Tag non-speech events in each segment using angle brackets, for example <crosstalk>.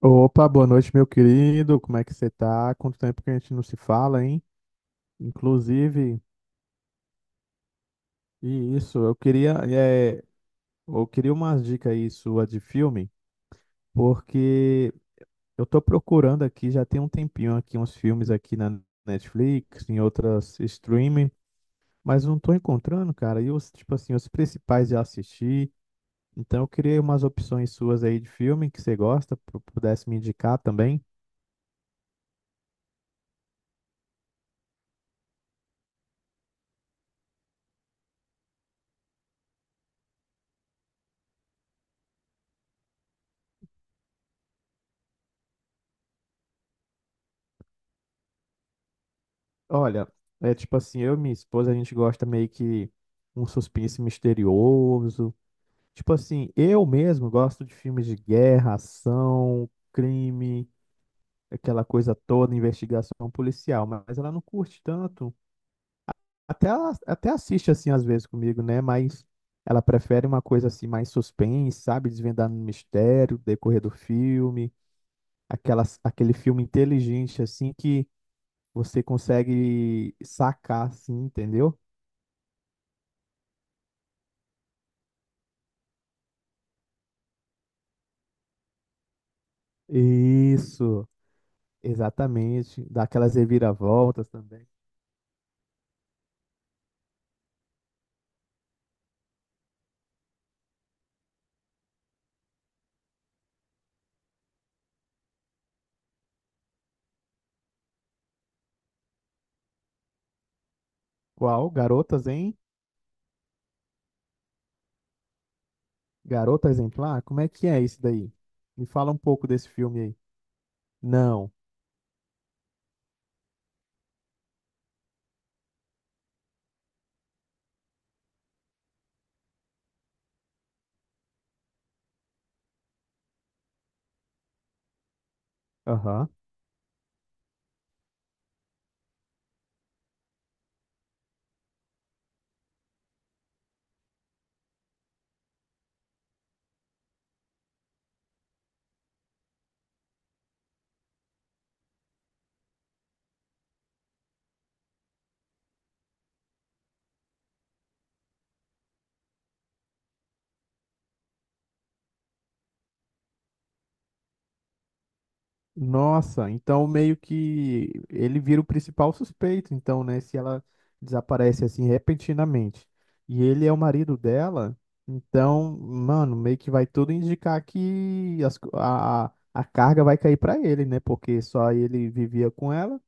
Opa, boa noite, meu querido. Como é que você tá? Quanto tempo que a gente não se fala, hein? Inclusive, e isso, eu queria umas dicas aí sua de filme, porque eu tô procurando aqui, já tem um tempinho aqui, uns filmes aqui na Netflix, em outras streaming, mas não tô encontrando, cara. Tipo assim, os principais já assisti. Então eu queria umas opções suas aí de filme que você gosta, pudesse me indicar também. Olha, é tipo assim, eu e minha esposa, a gente gosta meio que um suspense misterioso. Tipo assim, eu mesmo gosto de filmes de guerra, ação, crime, aquela coisa toda, investigação policial, mas ela não curte tanto. Até assiste assim às vezes comigo, né? Mas ela prefere uma coisa assim mais suspense, sabe? Desvendando o mistério, decorrer do filme, aquele filme inteligente assim que você consegue sacar assim, entendeu? Isso, exatamente. Dá aquelas reviravoltas também. Qual? Garotas, hein? Garota Exemplar? Como é que é isso daí? Me fala um pouco desse filme aí. Não. Aham. Nossa, então meio que ele vira o principal suspeito, então, né? Se ela desaparece assim repentinamente. E ele é o marido dela, então, mano, meio que vai tudo indicar que a carga vai cair pra ele, né? Porque só ele vivia com ela.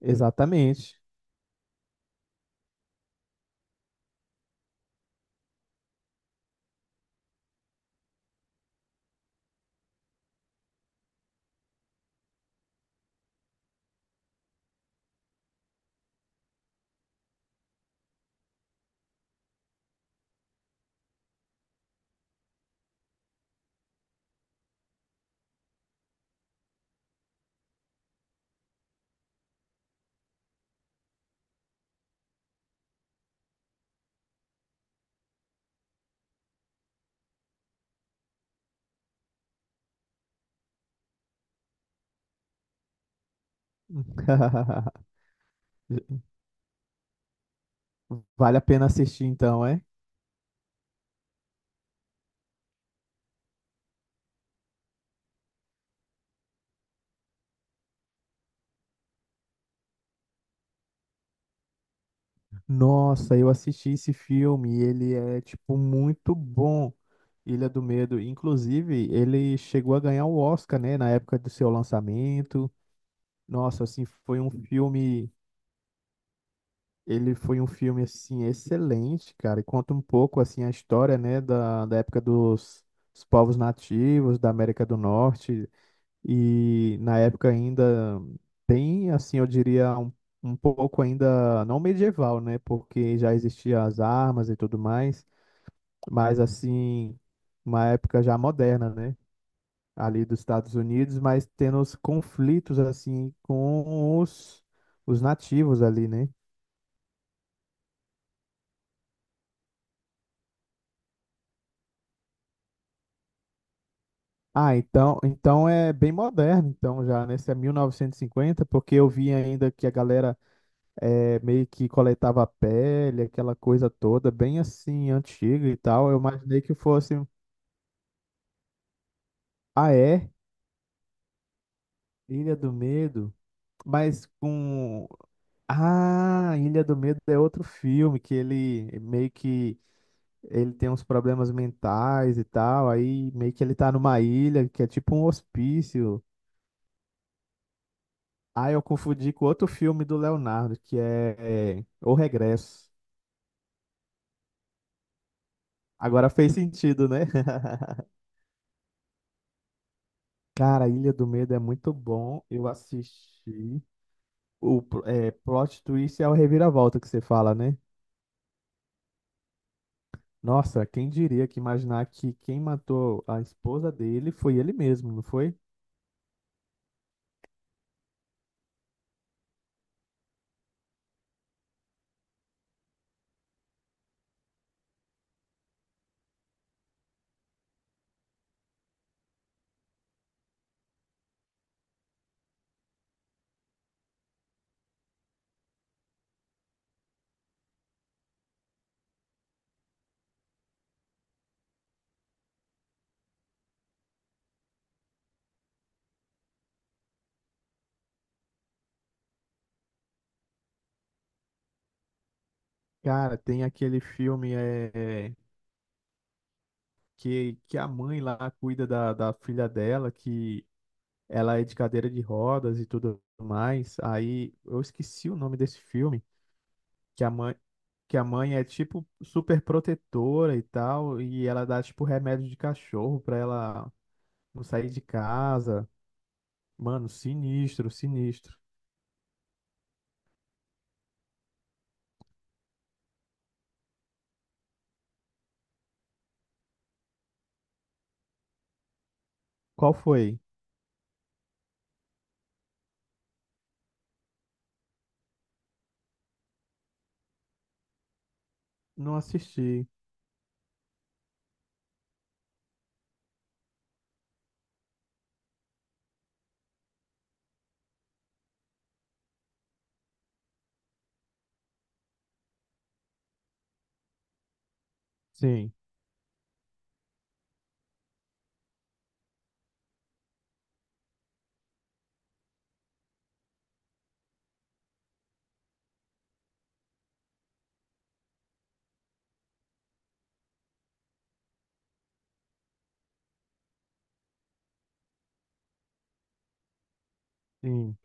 Exatamente. <laughs> Vale a pena assistir então, é? Nossa, eu assisti esse filme, ele é tipo muito bom. Ilha do Medo, inclusive, ele chegou a ganhar o Oscar, né, na época do seu lançamento. Nossa, assim, ele foi um filme assim excelente, cara. E conta um pouco assim a história, né, da, da época dos povos nativos da América do Norte. E na época ainda tem, assim, eu diria, um pouco ainda não medieval, né? Porque já existiam as armas e tudo mais, mas assim, uma época já moderna, né? Ali dos Estados Unidos, mas tendo os conflitos, assim, com os nativos ali, né? Ah, então é bem moderno, então já, né? Se é 1950, porque eu vi ainda que a galera meio que coletava a pele, aquela coisa toda, bem assim, antiga e tal. Eu imaginei que fosse, ah, é? Ilha do Medo, mas com, Ilha do Medo é outro filme que ele meio que ele tem uns problemas mentais e tal, aí meio que ele tá numa ilha que é tipo um hospício. Ah, eu confundi com outro filme do Leonardo, que é O Regresso. Agora fez sentido, né? <laughs> Cara, Ilha do Medo é muito bom. Eu assisti o pl- é, plot twist é o reviravolta que você fala, né? Nossa, quem diria que imaginar que quem matou a esposa dele foi ele mesmo, não foi? Cara, tem aquele filme é, que a mãe lá cuida da filha dela, que ela é de cadeira de rodas e tudo mais. Aí eu esqueci o nome desse filme. Que a mãe, que a mãe é tipo super protetora e tal, e ela dá tipo remédio de cachorro pra ela não sair de casa. Mano, sinistro, sinistro. Qual foi? Não assisti. Sim, sim.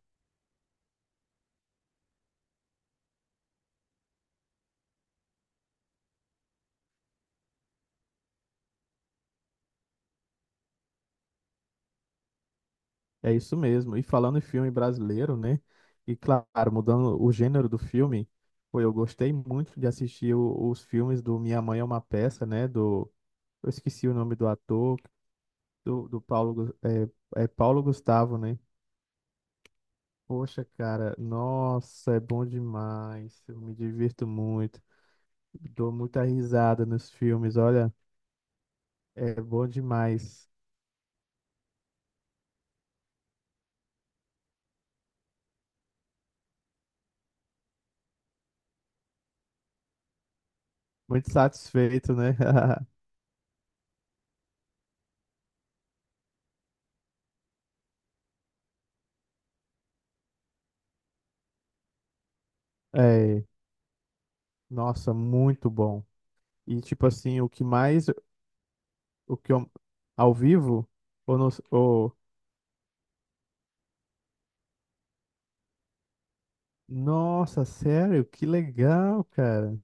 É isso mesmo. E falando em filme brasileiro, né? E claro, mudando o gênero do filme, pô, eu gostei muito de assistir os filmes do Minha Mãe é uma Peça, né? Do, eu esqueci o nome do ator, do Paulo, Paulo Gustavo, né? Poxa, cara, nossa, é bom demais. Eu me divirto muito. Dou muita risada nos filmes, olha, é bom demais. Muito satisfeito, né? <laughs> É, nossa, muito bom. E tipo assim, o que mais, o que eu, ao vivo, ou, no, ou nossa, sério, que legal, cara.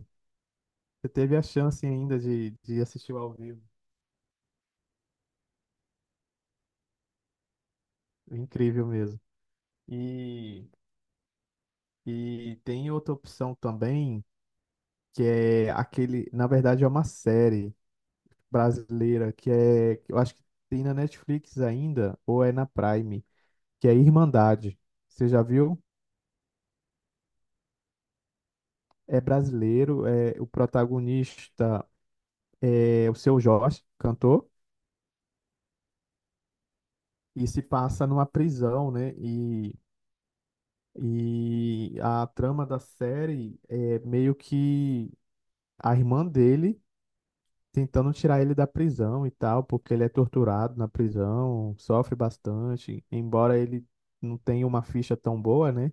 Você teve a chance ainda de assistir o ao vivo. Incrível mesmo. E, e tem outra opção também que é aquele, na verdade é uma série brasileira que eu acho que tem na Netflix ainda ou é na Prime, que é Irmandade. Você já viu? É brasileiro, é o protagonista é o Seu Jorge, cantor, e se passa numa prisão, né? E a trama da série é meio que a irmã dele tentando tirar ele da prisão e tal, porque ele é torturado na prisão, sofre bastante, embora ele não tenha uma ficha tão boa, né?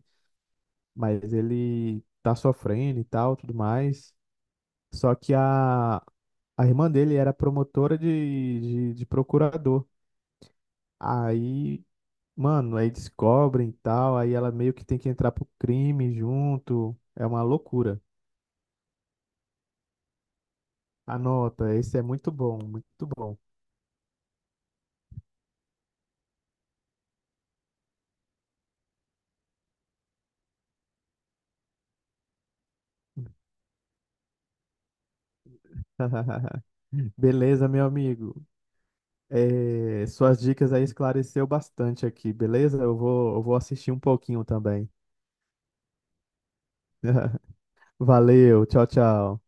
Mas ele tá sofrendo e tal, tudo mais. Só que a irmã dele era promotora de procurador. Aí, mano, aí descobrem e tal, aí ela meio que tem que entrar pro crime junto. É uma loucura. Anota, esse é muito bom, muito bom. <laughs> Beleza, meu amigo. Suas dicas aí esclareceu bastante aqui, beleza? Eu vou assistir um pouquinho também. <laughs> Valeu, tchau, tchau.